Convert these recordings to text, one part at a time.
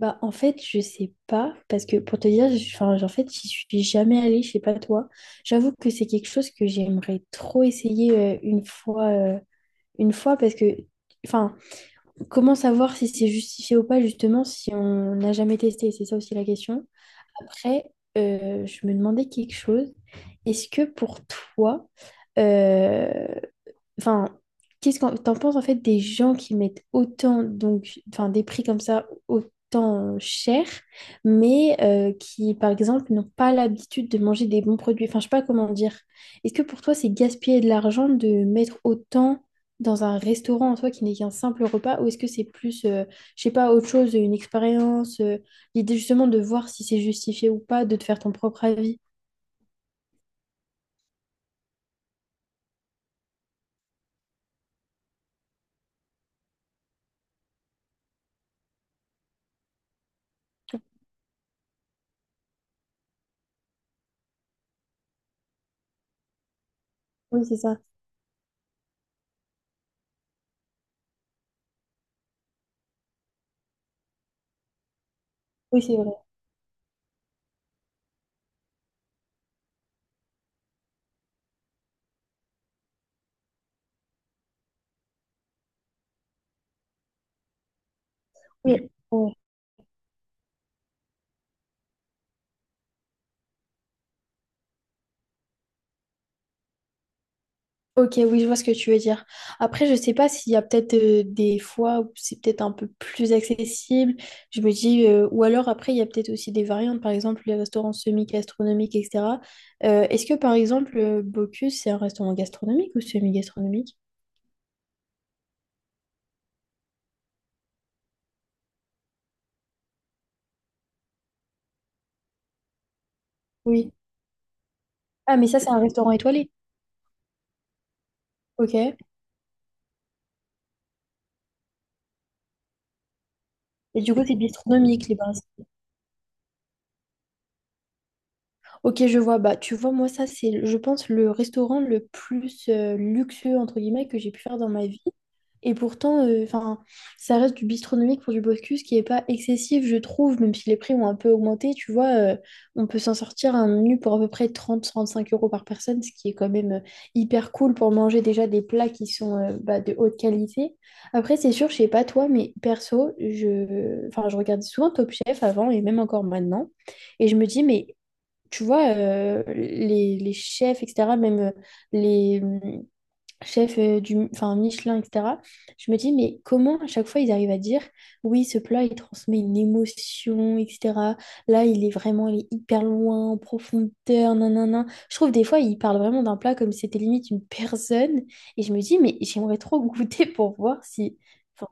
Bah, en fait, je sais pas, parce que pour te dire, enfin, en fait, j'y suis jamais allée, je sais pas toi. J'avoue que c'est quelque chose que j'aimerais trop essayer une fois, parce que, enfin, comment savoir si c'est justifié ou pas, justement, si on n'a jamais testé? C'est ça aussi la question. Après, je me demandais quelque chose. Est-ce que pour toi, euh, enfin, qu'est-ce que t'en penses en fait des gens qui mettent autant, donc, enfin, des prix comme ça autant cher, mais qui, par exemple, n'ont pas l'habitude de manger des bons produits. Enfin, je sais pas comment dire. Est-ce que pour toi, c'est gaspiller de l'argent de mettre autant dans un restaurant en soi qui n'est qu'un simple repas, ou est-ce que c'est plus, je sais pas, autre chose, une expérience. L'idée justement de voir si c'est justifié ou pas, de te faire ton propre avis. Oui, c'est ça. Oui, c'est vrai. Oui. Ouais. Ok, oui, je vois ce que tu veux dire. Après, je sais pas s'il y a peut-être des fois où c'est peut-être un peu plus accessible. Je me dis, ou alors après, il y a peut-être aussi des variantes, par exemple les restaurants semi-gastronomiques, etc. Est-ce que par exemple, Bocuse, c'est un restaurant gastronomique ou semi-gastronomique? Oui. Ah, mais ça, c'est un restaurant étoilé. Ok. Et du coup, c'est bistronomique, les bars. Ok, je vois. Bah, tu vois, moi, ça, c'est, je pense, le restaurant le plus luxueux, entre guillemets, que j'ai pu faire dans ma vie. Et pourtant, enfin, ça reste du bistronomique pour du Bocuse qui n'est pas excessif, je trouve, même si les prix ont un peu augmenté. Tu vois, on peut s'en sortir un menu pour à peu près 30-35 euros par personne, ce qui est quand même hyper cool pour manger déjà des plats qui sont bah, de haute qualité. Après, c'est sûr, je sais pas toi, mais perso, enfin, je regardais souvent Top Chef avant et même encore maintenant. Et je me dis, mais tu vois, les chefs, etc., même les chefs du, enfin, Michelin, etc., je me dis, mais comment à chaque fois ils arrivent à dire, oui, ce plat, il transmet une émotion, etc. Là, il est vraiment, il est hyper loin, en profondeur, nanana. Je trouve des fois, ils parlent vraiment d'un plat comme si c'était limite une personne. Et je me dis, mais j'aimerais trop goûter pour voir si. enfin,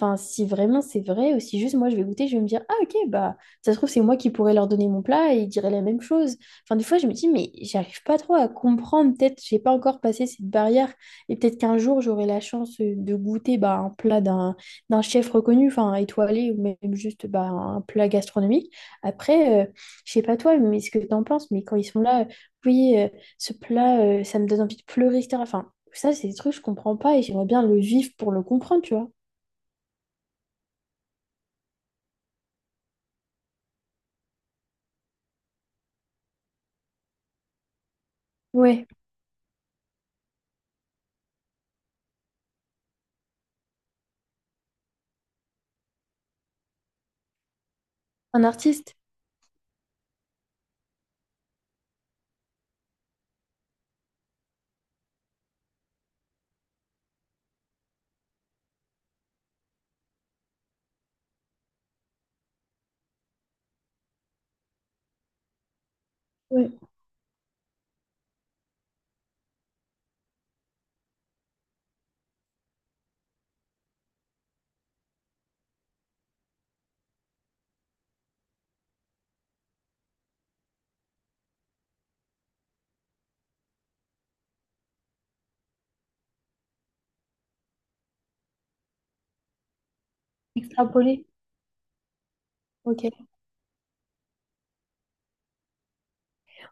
Enfin, si vraiment c'est vrai, ou si juste moi je vais goûter, je vais me dire, ah ok, bah ça se trouve c'est moi qui pourrais leur donner mon plat et ils diraient la même chose. Enfin, des fois je me dis, mais j'arrive pas trop à comprendre, peut-être j'ai pas encore passé cette barrière et peut-être qu'un jour j'aurai la chance de goûter bah, un plat d'un chef reconnu, enfin étoilé ou même juste bah, un plat gastronomique. Après, je sais pas toi, mais ce que t'en penses, mais quand ils sont là, oui, ce plat, ça me donne envie de pleurer, etc. Enfin, ça c'est des trucs que je comprends pas et j'aimerais bien le vivre pour le comprendre, tu vois. Ouais. Un artiste? Ouais. Extrapolé? Ok.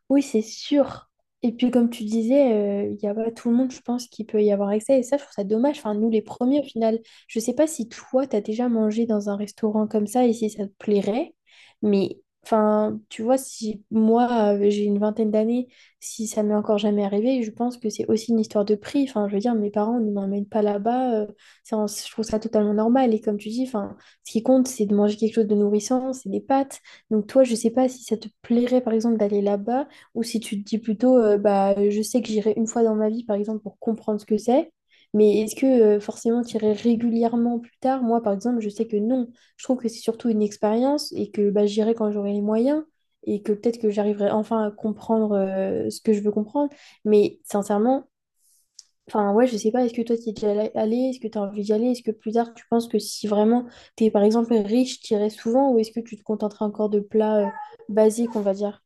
Oui, c'est sûr. Et puis, comme tu disais, il y a pas tout le monde, je pense, qui peut y avoir accès. Et ça, je trouve ça dommage. Enfin, nous, les premiers, au final, je sais pas si toi, tu as déjà mangé dans un restaurant comme ça et si ça te plairait. Mais, enfin, tu vois, si moi, j'ai une vingtaine d'années, si ça m'est encore jamais arrivé, je pense que c'est aussi une histoire de prix. Enfin, je veux dire, mes parents ne m'emmènent pas là-bas. Je trouve ça totalement normal. Et comme tu dis, enfin, ce qui compte, c'est de manger quelque chose de nourrissant, c'est des pâtes. Donc, toi, je sais pas si ça te plairait, par exemple, d'aller là-bas. Ou si tu te dis plutôt, bah, je sais que j'irai une fois dans ma vie, par exemple, pour comprendre ce que c'est, mais est-ce que forcément tu irais régulièrement plus tard? Moi, par exemple, je sais que non. Je trouve que c'est surtout une expérience et que bah, j'irai quand j'aurai les moyens et que peut-être que j'arriverai enfin à comprendre ce que je veux comprendre. Mais sincèrement, enfin, ouais, je sais pas, est-ce que toi tu es déjà allé? Est-ce que tu as envie d'y aller? Est-ce que plus tard tu penses que si vraiment tu es, par exemple, riche, tu irais souvent ou est-ce que tu te contenterais encore de plats basiques, on va dire?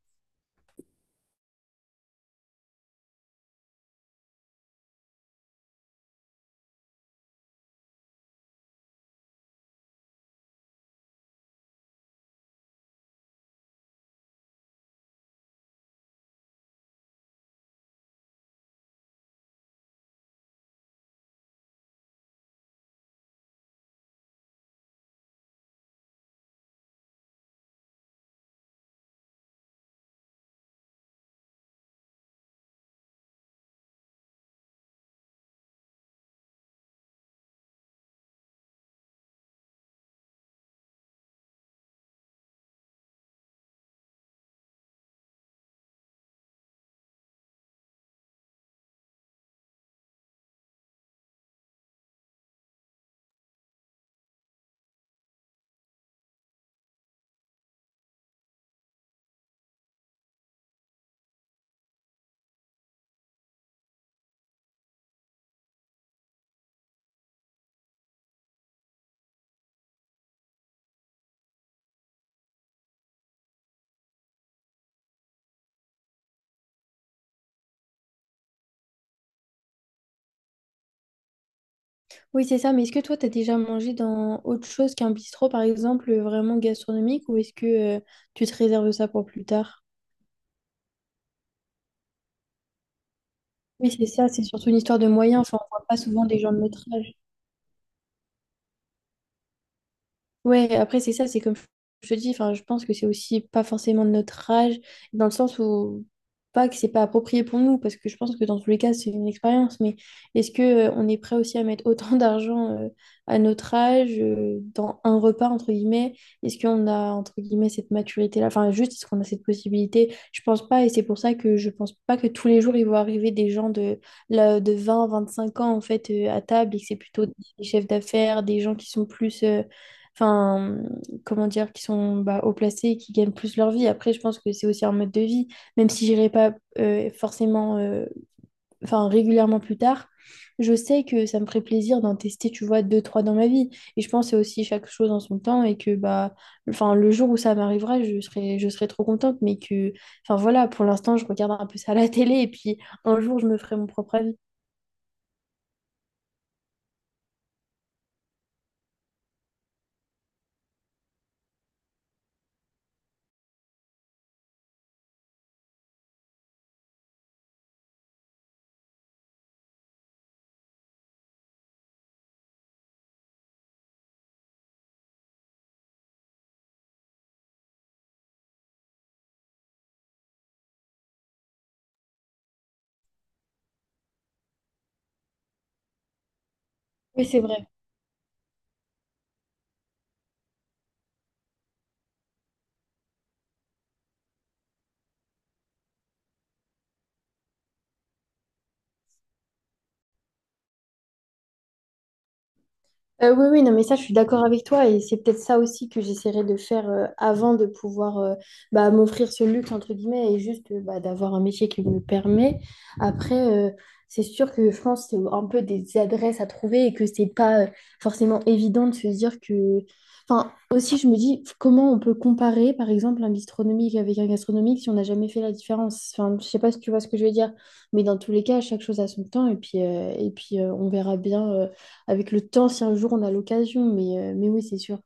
Oui, c'est ça, mais est-ce que toi, tu as déjà mangé dans autre chose qu'un bistrot, par exemple, vraiment gastronomique, ou est-ce que euh, tu te réserves ça pour plus tard? Oui, c'est ça, c'est surtout une histoire de moyens. Enfin, on voit pas souvent des gens de notre âge. Ouais, après, c'est ça, c'est comme je te dis, enfin, je pense que c'est aussi pas forcément de notre âge, dans le sens où, pas que c'est pas approprié pour nous, parce que je pense que dans tous les cas, c'est une expérience, mais est-ce que on est prêt aussi à mettre autant d'argent à notre âge, dans un repas, entre guillemets? Est-ce qu'on a, entre guillemets, cette maturité-là? Enfin, juste, est-ce qu'on a cette possibilité? Je pense pas, et c'est pour ça que je pense pas que tous les jours, il vont arriver des gens de, là, de 20-25 ans, en fait, à table, et que c'est plutôt des chefs d'affaires, des gens qui sont plus. Enfin, comment dire, qui sont bah, haut placés, qui gagnent plus leur vie. Après, je pense que c'est aussi un mode de vie, même si j'irai pas forcément, enfin, régulièrement plus tard. Je sais que ça me ferait plaisir d'en tester, tu vois, deux, trois dans ma vie. Et je pense que c'est aussi chaque chose en son temps et que, bah, enfin, le jour où ça m'arrivera, je serai trop contente. Mais que, enfin, voilà, pour l'instant, je regarde un peu ça à la télé et puis un jour, je me ferai mon propre avis. Oui, c'est vrai. Oui, oui, non, mais ça, je suis d'accord avec toi et c'est peut-être ça aussi que j'essaierai de faire avant de pouvoir bah, m'offrir ce luxe, entre guillemets, et juste bah, d'avoir un métier qui me le permet. Après, c'est sûr que je pense que c'est un peu des adresses à trouver et que c'est pas forcément évident de se dire que. Enfin, aussi, je me dis comment on peut comparer, par exemple, un bistronomique avec un gastronomique si on n'a jamais fait la différence. Enfin, je sais pas si tu vois ce que je veux dire, mais dans tous les cas, chaque chose a son temps et puis, on verra bien, avec le temps si un jour on a l'occasion. Mais oui, c'est sûr.